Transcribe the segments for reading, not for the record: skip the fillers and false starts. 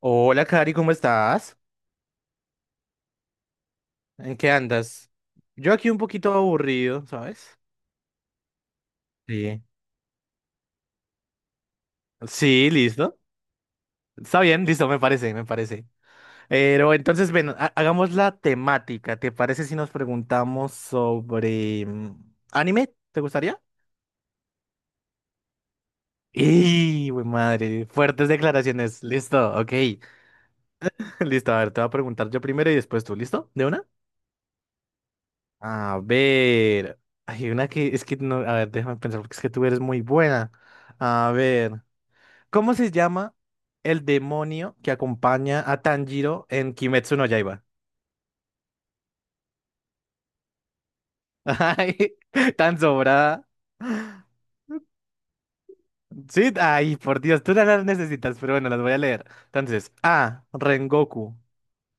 Hola, Cari, ¿cómo estás? ¿En qué andas? Yo aquí un poquito aburrido, ¿sabes? Sí. Sí, listo. Está bien, listo, me parece, me parece. Pero entonces, ven, hagamos la temática. ¿Te parece si nos preguntamos sobre anime? ¿Te gustaría? ¡Y, güey, madre! Fuertes declaraciones. Listo, ok. Listo, a ver, te voy a preguntar yo primero y después tú, ¿listo? ¿De una? A ver. Hay una que es que no. A ver, déjame pensar, porque es que tú eres muy buena. A ver. ¿Cómo se llama el demonio que acompaña a Tanjiro en Kimetsu no Yaiba? Ay, tan sobrada. Sí, ay, por Dios, tú no las necesitas, pero bueno, las voy a leer. Entonces, A, Rengoku,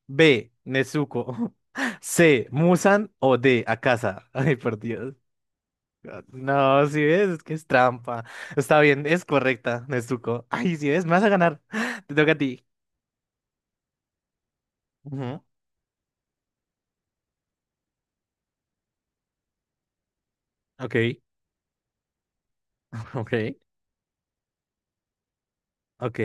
B, Nezuko, C, Musan o D, Akasa. Ay, por Dios. No, si ves, es que es trampa. Está bien, es correcta, Nezuko. Ay, si ves, me vas a ganar. Te toca a ti. Ujú, ok, ok, ok.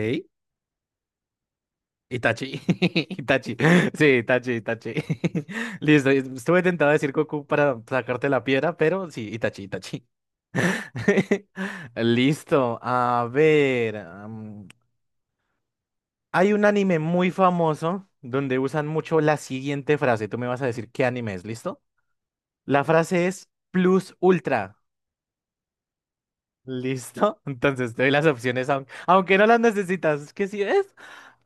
Itachi, Itachi, sí, Itachi, Itachi. Listo, estuve tentado a decir Goku para sacarte la piedra, pero sí, Itachi, Itachi. Listo, a ver. Hay un anime muy famoso donde usan mucho la siguiente frase. Tú me vas a decir qué anime es, ¿listo? La frase es Plus Ultra. ¿Listo? Entonces te doy las opciones, aunque no las necesitas. ¿Qué sí es?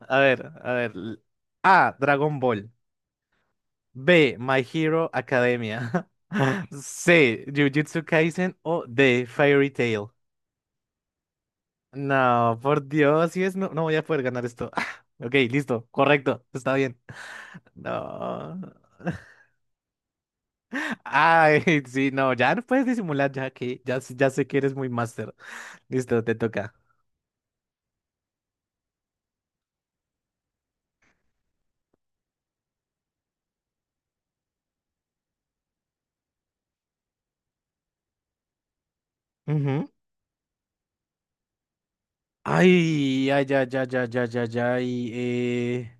A ver, a ver. A, Dragon Ball. B. My Hero Academia. C. Jujutsu Kaisen o D. Fairy Tail. No, por Dios, si es, no, no voy a poder ganar esto. Ok, listo, correcto, está bien. No. Ay, sí, no, ya no puedes disimular, ya que ya, ya sé que eres muy máster. Listo, te toca. Ujú. Ay, ay, ya, ya, ya, ya, ya, ya, y...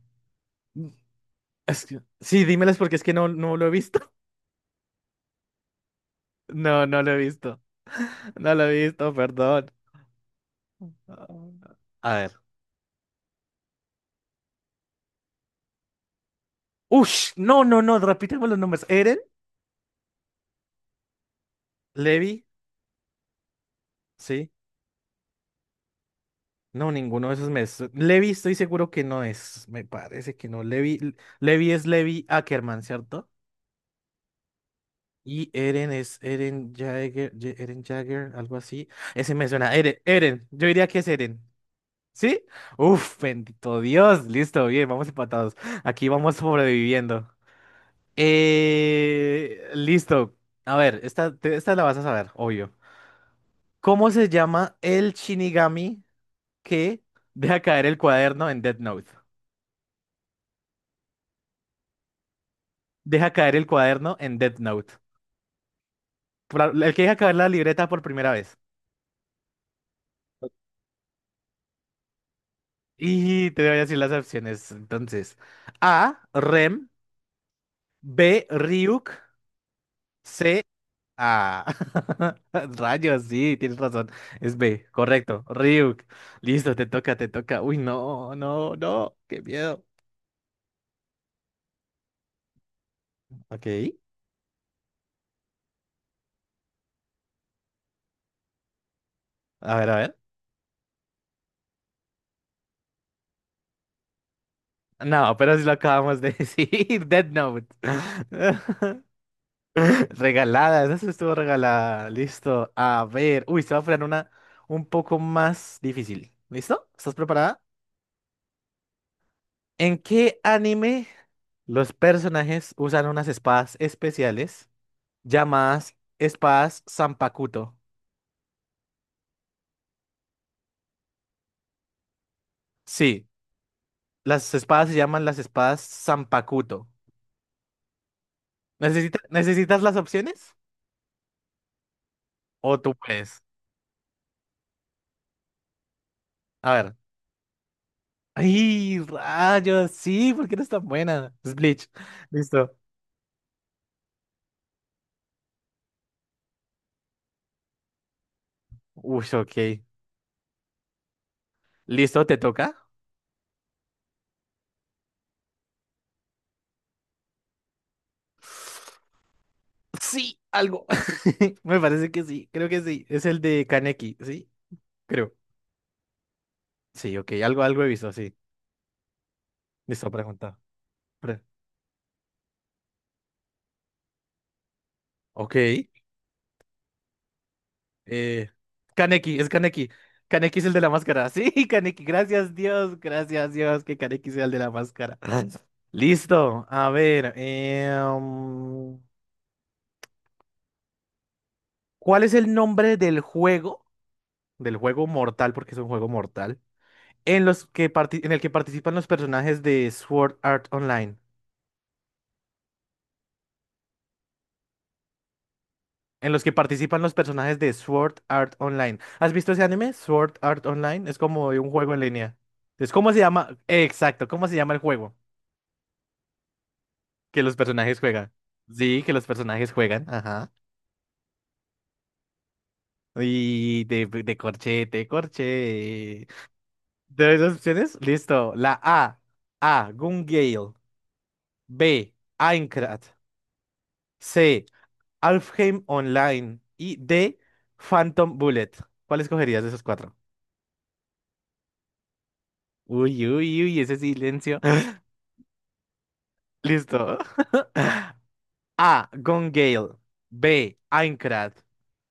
Sí, dímelas porque es que no, no lo he visto. No, no lo he visto. No lo he visto, perdón. Ah, a ver. Ush, no, no, no, repíteme los nombres. ¿Eren? ¿Levi? Sí. No, ninguno de esos me... Levi estoy seguro que no es. Me parece que no. Levi, Levi es Levi Ackerman, ¿cierto? Y Eren es Eren Jagger, Eren Jagger, algo así. Ese me suena. Eren, Eren. Yo diría que es Eren. ¿Sí? Uf, bendito Dios. Listo, bien, vamos empatados. Aquí vamos sobreviviendo. Listo. A ver, esta, esta la vas a saber, obvio. ¿Cómo se llama el Shinigami que deja caer el cuaderno en Death Note? Deja caer el cuaderno en Death Note. El que deja caer la libreta por primera vez. Y te voy a decir las opciones. Entonces, A, Rem, B, Ryuk, C, A. Rayos, sí, tienes razón. Es B, correcto. Ryuk. Listo, te toca, te toca. Uy, no, no, no, qué miedo. Ok. A ver, a ver. No, pero si lo acabamos de decir. Dead Note. Regalada, eso estuvo regalada. Listo. A ver. Uy, se va a poner una un poco más difícil. ¿Listo? ¿Estás preparada? ¿En qué anime los personajes usan unas espadas especiales llamadas espadas Zanpakuto? Sí, las espadas se llaman las espadas Zanpakuto. ¿Necesitas las opciones? ¿O tú puedes? A ver. ¡Ay, rayos! Sí, ¿porque no es tan buena? Es Bleach. Listo. Uy, ok. ¿Listo? ¿Te toca? Sí, algo. Me parece que sí, creo que sí. Es el de Kaneki, ¿sí? Creo. Sí, ok. Algo, algo he visto, sí. Listo, pregunta. Pre- ok. Eh, Kaneki, es Kaneki. Kaneki es el de la máscara. Sí, Kaneki. Gracias, Dios. Gracias, Dios, que Kaneki sea el de la máscara. Listo. A ver. ¿Cuál es el nombre del juego? Del juego mortal, porque es un juego mortal, en los que en el que participan los personajes de Sword Art Online. En los que participan los personajes de Sword Art Online. ¿Has visto ese anime? Sword Art Online. Es como de un juego en línea. Es ¿cómo se llama? Exacto, ¿cómo se llama el juego? Que los personajes juegan. Sí, que los personajes juegan. Ajá. Y de corchete, corche. ¿De esas opciones? Listo. La A. A. Gun Gale. B. Aincrad. C. Alfheim Online y de Phantom Bullet. ¿Cuál escogerías de esos cuatro? Uy, uy, uy, ese silencio. Listo. A. Gone Gale. B. Aincrad.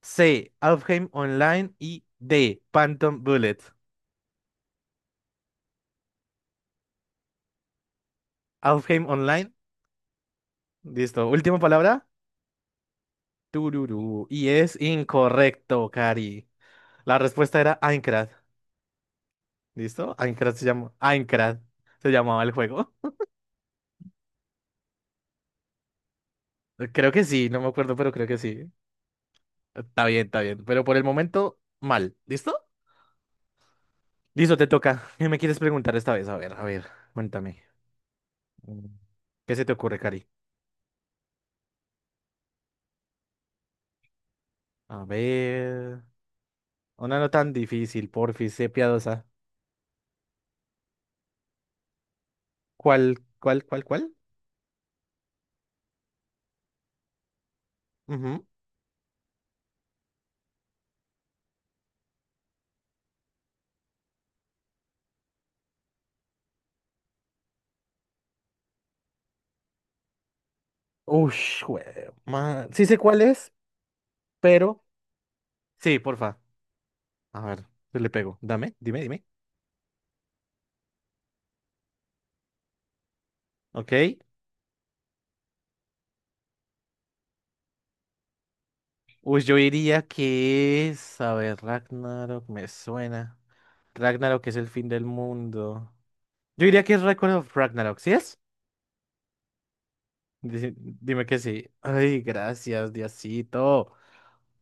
C. Alfheim Online y D. Phantom Bullet. Alfheim Online. Listo. Última palabra. Tururú. Y es incorrecto, Cari. La respuesta era Aincrad. ¿Listo? Aincrad se llama. Aincrad se llamaba el juego. Creo que sí, no me acuerdo, pero creo que sí. Está bien, está bien. Pero por el momento, mal. ¿Listo? Listo, te toca. ¿Qué me quieres preguntar esta vez? A ver, cuéntame. Mm, ¿Qué se te ocurre, Cari? A ver. Una no tan difícil, porfis, sé piadosa. ¿Cuál, cuál, cuál, cuál? Ujú. Ush, man. Sí sé cuál es, pero. Sí, porfa. A ver, yo le pego. Dame, dime, dime. Ok. Uy, yo diría que es. A ver, Ragnarok me suena. Ragnarok es el fin del mundo. Yo diría que es Record of Ragnarok, ¿sí es? Dime que sí. Ay, gracias, Diosito.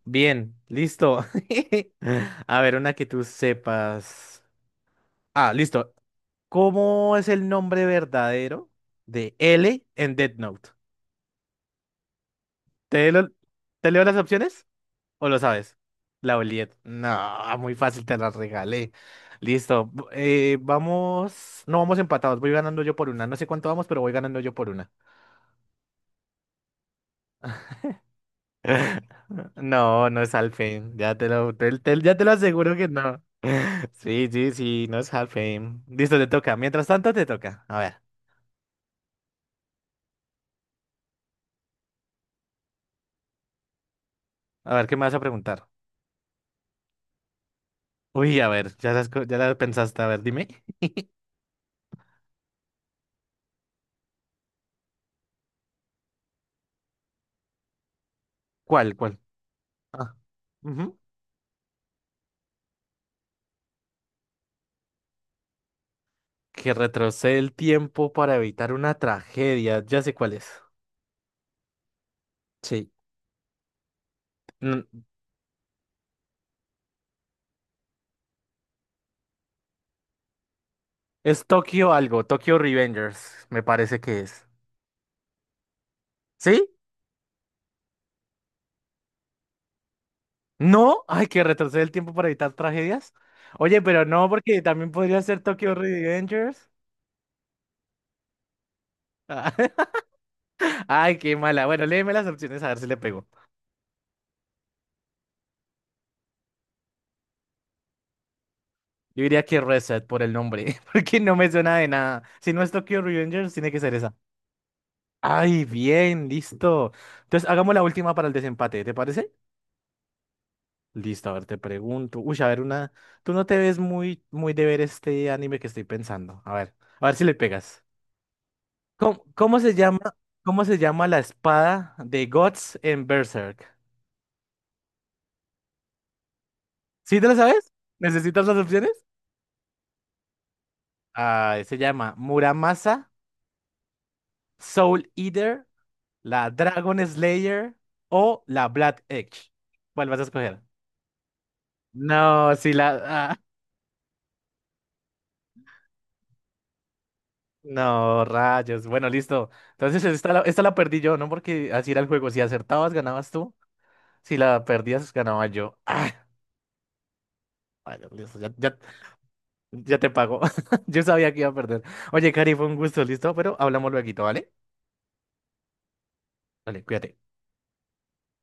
Bien, listo. A ver, una que tú sepas. Ah, listo. ¿Cómo es el nombre verdadero de L en Death Note? ¿Te, lo- te leo las opciones o lo sabes? La Oliet. No, muy fácil, te la regalé. Listo. Vamos. No vamos empatados. Voy ganando yo por una. No sé cuánto vamos, pero voy ganando yo por una. No, no es Halfheim. Ya te lo, ya te lo aseguro que no. Sí, sí, sí, no es Halfheim. Listo, te toca. Mientras tanto, te toca. A ver, ¿qué me vas a preguntar? Uy, a ver, ya las ya la pensaste. A ver, dime. ¿Cuál, cuál? Ah, ujú. Que retrocede el tiempo para evitar una tragedia. Ya sé cuál es. Sí. Mm, Es Tokio algo, Tokio Revengers, me parece que es. ¿Sí? ¿No? Ay, que retrocede el tiempo para evitar tragedias. Oye, pero no, porque también podría ser Tokyo Revengers. Ah, Ay, qué mala. Bueno, léeme las opciones a ver si le pego. Yo diría que Reset por el nombre, porque no me suena de nada. Si no es Tokyo Revengers, tiene que ser esa. Ay, bien, listo. Entonces, hagamos la última para el desempate, ¿te parece? Listo, a ver, te pregunto. Uy, a ver, una. Tú no te ves muy, muy de ver este anime que estoy pensando. A ver si le pegas. ¿Cómo, cómo se llama la espada de Guts en Berserk? ¿Sí te lo sabes? ¿Necesitas las opciones? Ah, se llama Muramasa, Soul Eater, la Dragon Slayer o la Black Edge. ¿Cuál vas a escoger? No, sí la... ah, no, rayos. Bueno, listo. Entonces esta la perdí yo, ¿no? Porque así era el juego. Si acertabas, ganabas tú. Si la perdías, ganaba yo. Ah, rayos, listo. Ya, ya te pago. Yo sabía que iba a perder. Oye, Cari, fue un gusto, listo, pero hablamos luego, ¿vale? Vale, cuídate.